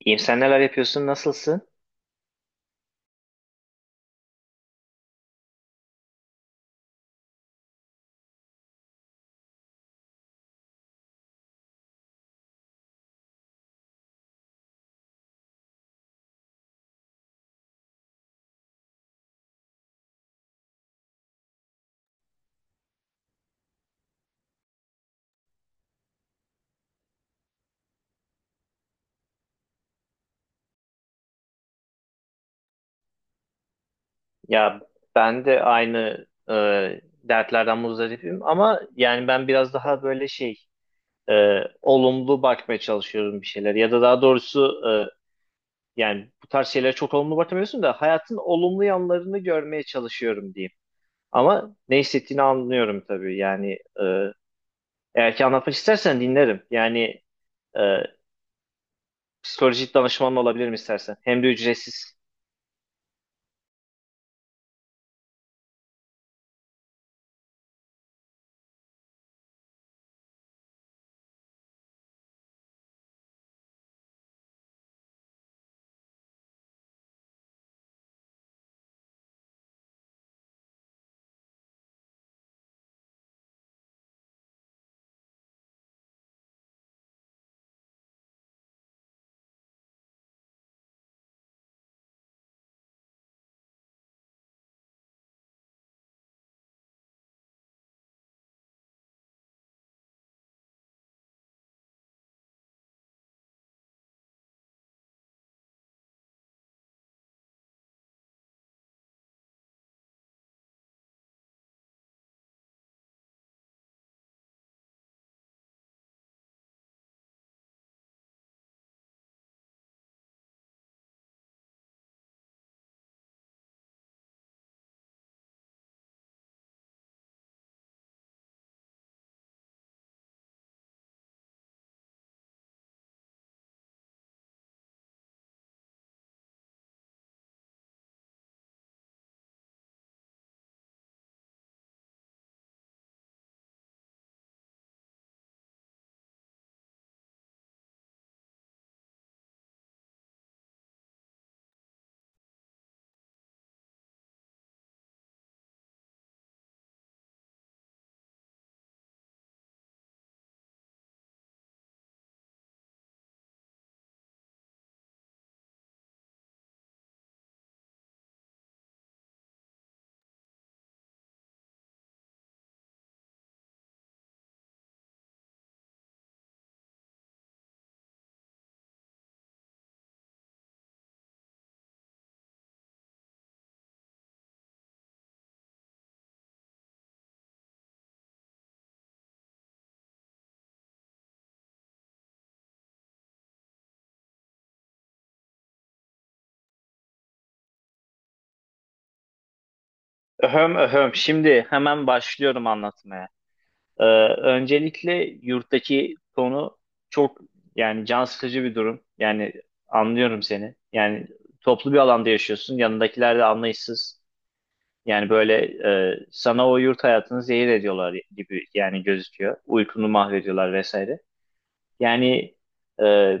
İyiyim, sen neler yapıyorsun, nasılsın? Ya ben de aynı dertlerden muzdaripim ama yani ben biraz daha böyle şey olumlu bakmaya çalışıyorum bir şeyler. Ya da daha doğrusu yani bu tarz şeylere çok olumlu bakamıyorsun da hayatın olumlu yanlarını görmeye çalışıyorum diyeyim. Ama ne hissettiğini anlıyorum tabii yani eğer ki anlatmak istersen dinlerim. Yani e, psikolojik danışman olabilirim istersen. Hem de ücretsiz. Öhöm öhöm, şimdi hemen başlıyorum anlatmaya. Ee, Öncelikle yurttaki tonu çok, yani can sıkıcı bir durum. Yani anlıyorum seni. Yani toplu bir alanda yaşıyorsun. Yanındakiler de anlayışsız. Yani böyle sana o yurt hayatını zehir ediyorlar gibi yani gözüküyor. Uykunu mahvediyorlar vesaire. Yani e,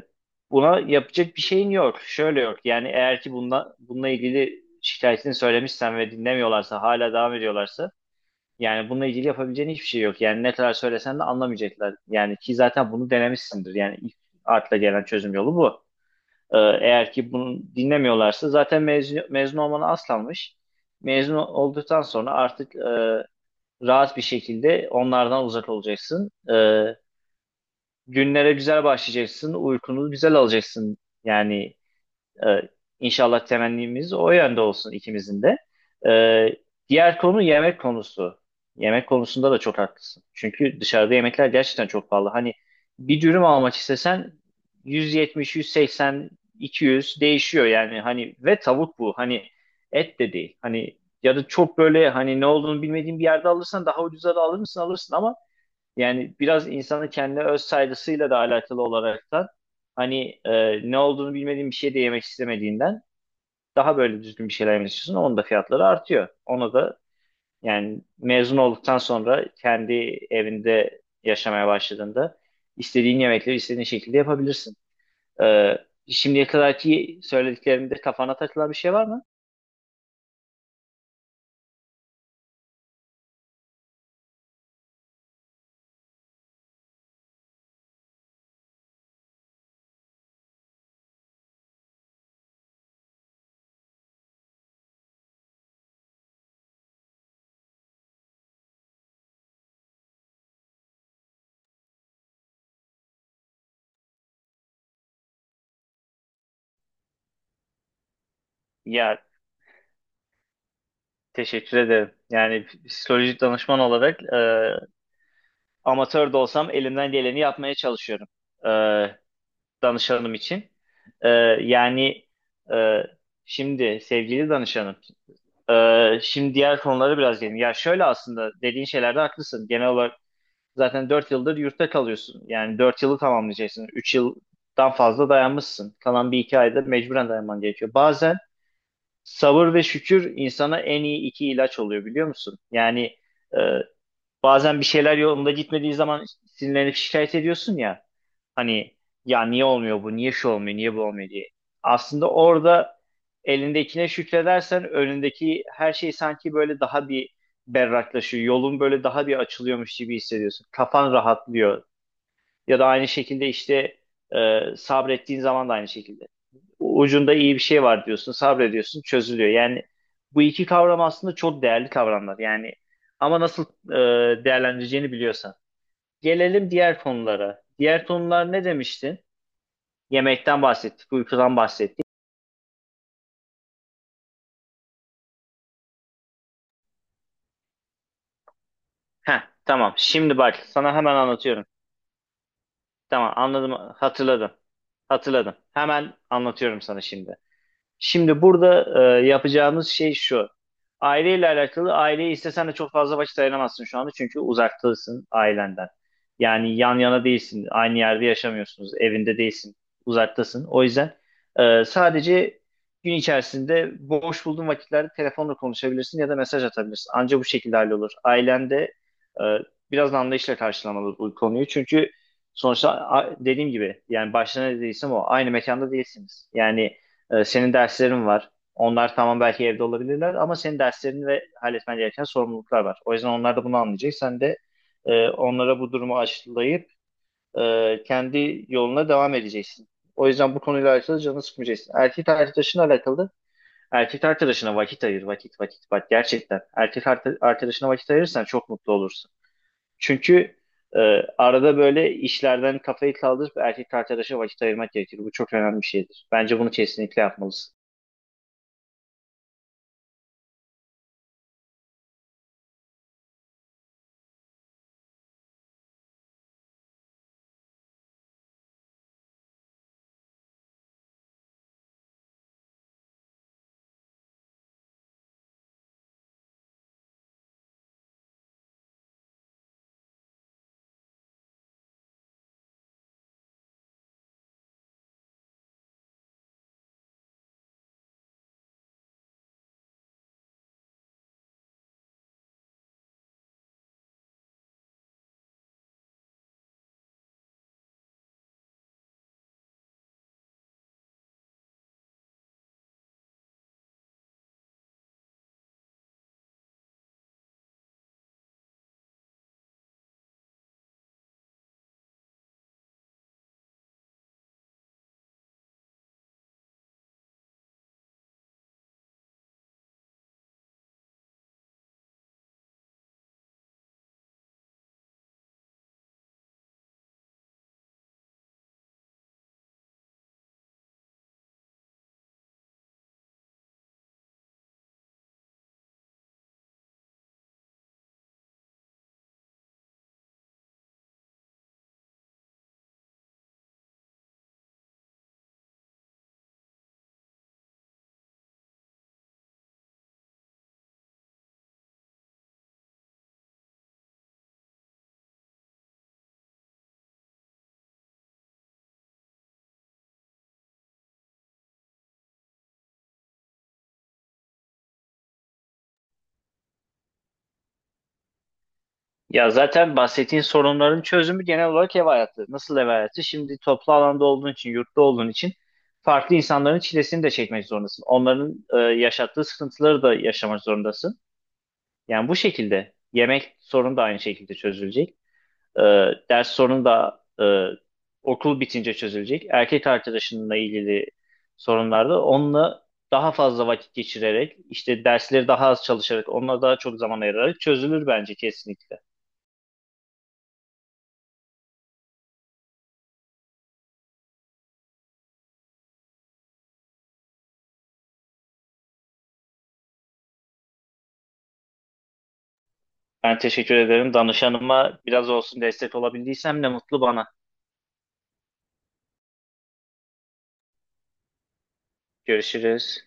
buna yapacak bir şeyin yok. Şöyle yok. Yani eğer ki bununla ilgili şikayetini söylemişsen ve dinlemiyorlarsa hala devam ediyorlarsa yani bununla ilgili yapabileceğin hiçbir şey yok. Yani ne kadar söylesen de anlamayacaklar. Yani ki zaten bunu denemişsindir. Yani ilk akla gelen çözüm yolu bu. Eğer ki bunu dinlemiyorlarsa zaten mezun olmanı aslanmış. Mezun olduktan sonra artık rahat bir şekilde onlardan uzak olacaksın. Günlere güzel başlayacaksın. Uykunu güzel alacaksın. Yani ee, İnşallah temennimiz o yönde olsun ikimizin de. Ee, Diğer konu yemek konusu. Yemek konusunda da çok haklısın. Çünkü dışarıda yemekler gerçekten çok pahalı. Hani bir dürüm almak istesen 170, 180, 200 değişiyor yani. Hani ve tavuk bu. Hani et de değil. Hani ya da çok böyle hani ne olduğunu bilmediğin bir yerde alırsan daha ucuza da alır mısın alırsın ama yani biraz insanın kendi öz saygısıyla da alakalı olaraktan hani ne olduğunu bilmediğin bir şey de yemek istemediğinden daha böyle düzgün bir şeyler yemek istiyorsun. Onun da fiyatları artıyor. Ona da yani mezun olduktan sonra kendi evinde yaşamaya başladığında istediğin yemekleri istediğin şekilde yapabilirsin. Ee, Şimdiye kadarki söylediklerimde kafana takılan bir şey var mı? Ya teşekkür ederim. Yani psikolojik danışman olarak amatör de olsam elimden geleni yapmaya çalışıyorum e, danışanım için. E, yani e, Şimdi sevgili danışanım. Şimdi diğer konulara biraz gelin. Ya şöyle aslında dediğin şeylerde haklısın. Genel olarak zaten 4 yıldır yurtta kalıyorsun. Yani 4 yılı tamamlayacaksın. Üç yıldan fazla dayanmışsın. Kalan bir iki ayda mecburen dayanman gerekiyor. Bazen sabır ve şükür insana en iyi iki ilaç oluyor biliyor musun? Yani e, bazen bir şeyler yolunda gitmediği zaman sinirlenip şikayet ediyorsun ya. Hani ya niye olmuyor bu, niye şu olmuyor, niye bu olmuyor diye. Aslında orada elindekine şükredersen önündeki her şey sanki böyle daha bir berraklaşıyor. Yolun böyle daha bir açılıyormuş gibi hissediyorsun. Kafan rahatlıyor. Ya da aynı şekilde işte sabrettiğin zaman da aynı şekilde ucunda iyi bir şey var diyorsun, sabrediyorsun, çözülüyor. Yani bu iki kavram aslında çok değerli kavramlar. Yani ama nasıl değerlendireceğini biliyorsan. Gelelim diğer konulara. Diğer konular ne demiştin? Yemekten bahsettik, uykudan bahsettik. Heh, tamam. Şimdi bak sana hemen anlatıyorum. Tamam, anladım, hatırladım. Hatırladım. Hemen anlatıyorum sana şimdi. Şimdi burada yapacağımız şey şu. Aileyle alakalı aileye istesen de çok fazla vakit ayıramazsın şu anda çünkü uzaktasın ailenden. Yani yan yana değilsin, aynı yerde yaşamıyorsunuz, evinde değilsin, uzaktasın. O yüzden sadece gün içerisinde boş bulduğun vakitlerde telefonla konuşabilirsin ya da mesaj atabilirsin. Anca bu şekilde hallolur. Ailen de e, biraz da anlayışla karşılamalı bu konuyu çünkü sonuçta dediğim gibi yani başta ne dediysem o aynı mekanda değilsiniz. Yani senin derslerin var. Onlar tamam belki evde olabilirler ama senin derslerin ve halletmen gereken sorumluluklar var. O yüzden onlar da bunu anlayacak. Sen de onlara bu durumu aşılayıp kendi yoluna devam edeceksin. O yüzden bu konuyla alakalı canını sıkmayacaksın. Erkek arkadaşınla alakalı da erkek arkadaşına vakit ayır, vakit, vakit, bak gerçekten. Erkek arkadaşına vakit ayırırsan çok mutlu olursun. Çünkü e, arada böyle işlerden kafayı kaldırıp erkek arkadaşa vakit ayırmak gerekir. Bu çok önemli bir şeydir. Bence bunu kesinlikle yapmalısın. Ya zaten bahsettiğin sorunların çözümü genel olarak ev hayatı. Nasıl ev hayatı? Şimdi toplu alanda olduğun için, yurtta olduğun için farklı insanların çilesini de çekmek zorundasın. Onların yaşattığı sıkıntıları da yaşamak zorundasın. Yani bu şekilde yemek sorunu da aynı şekilde çözülecek. E, Ders sorunu da okul bitince çözülecek. Erkek arkadaşınla ilgili sorunlar da onunla daha fazla vakit geçirerek, işte dersleri daha az çalışarak, onunla daha çok zaman ayırarak çözülür bence kesinlikle. Ben teşekkür ederim. Danışanıma biraz olsun destek olabildiysem ne mutlu bana. Görüşürüz.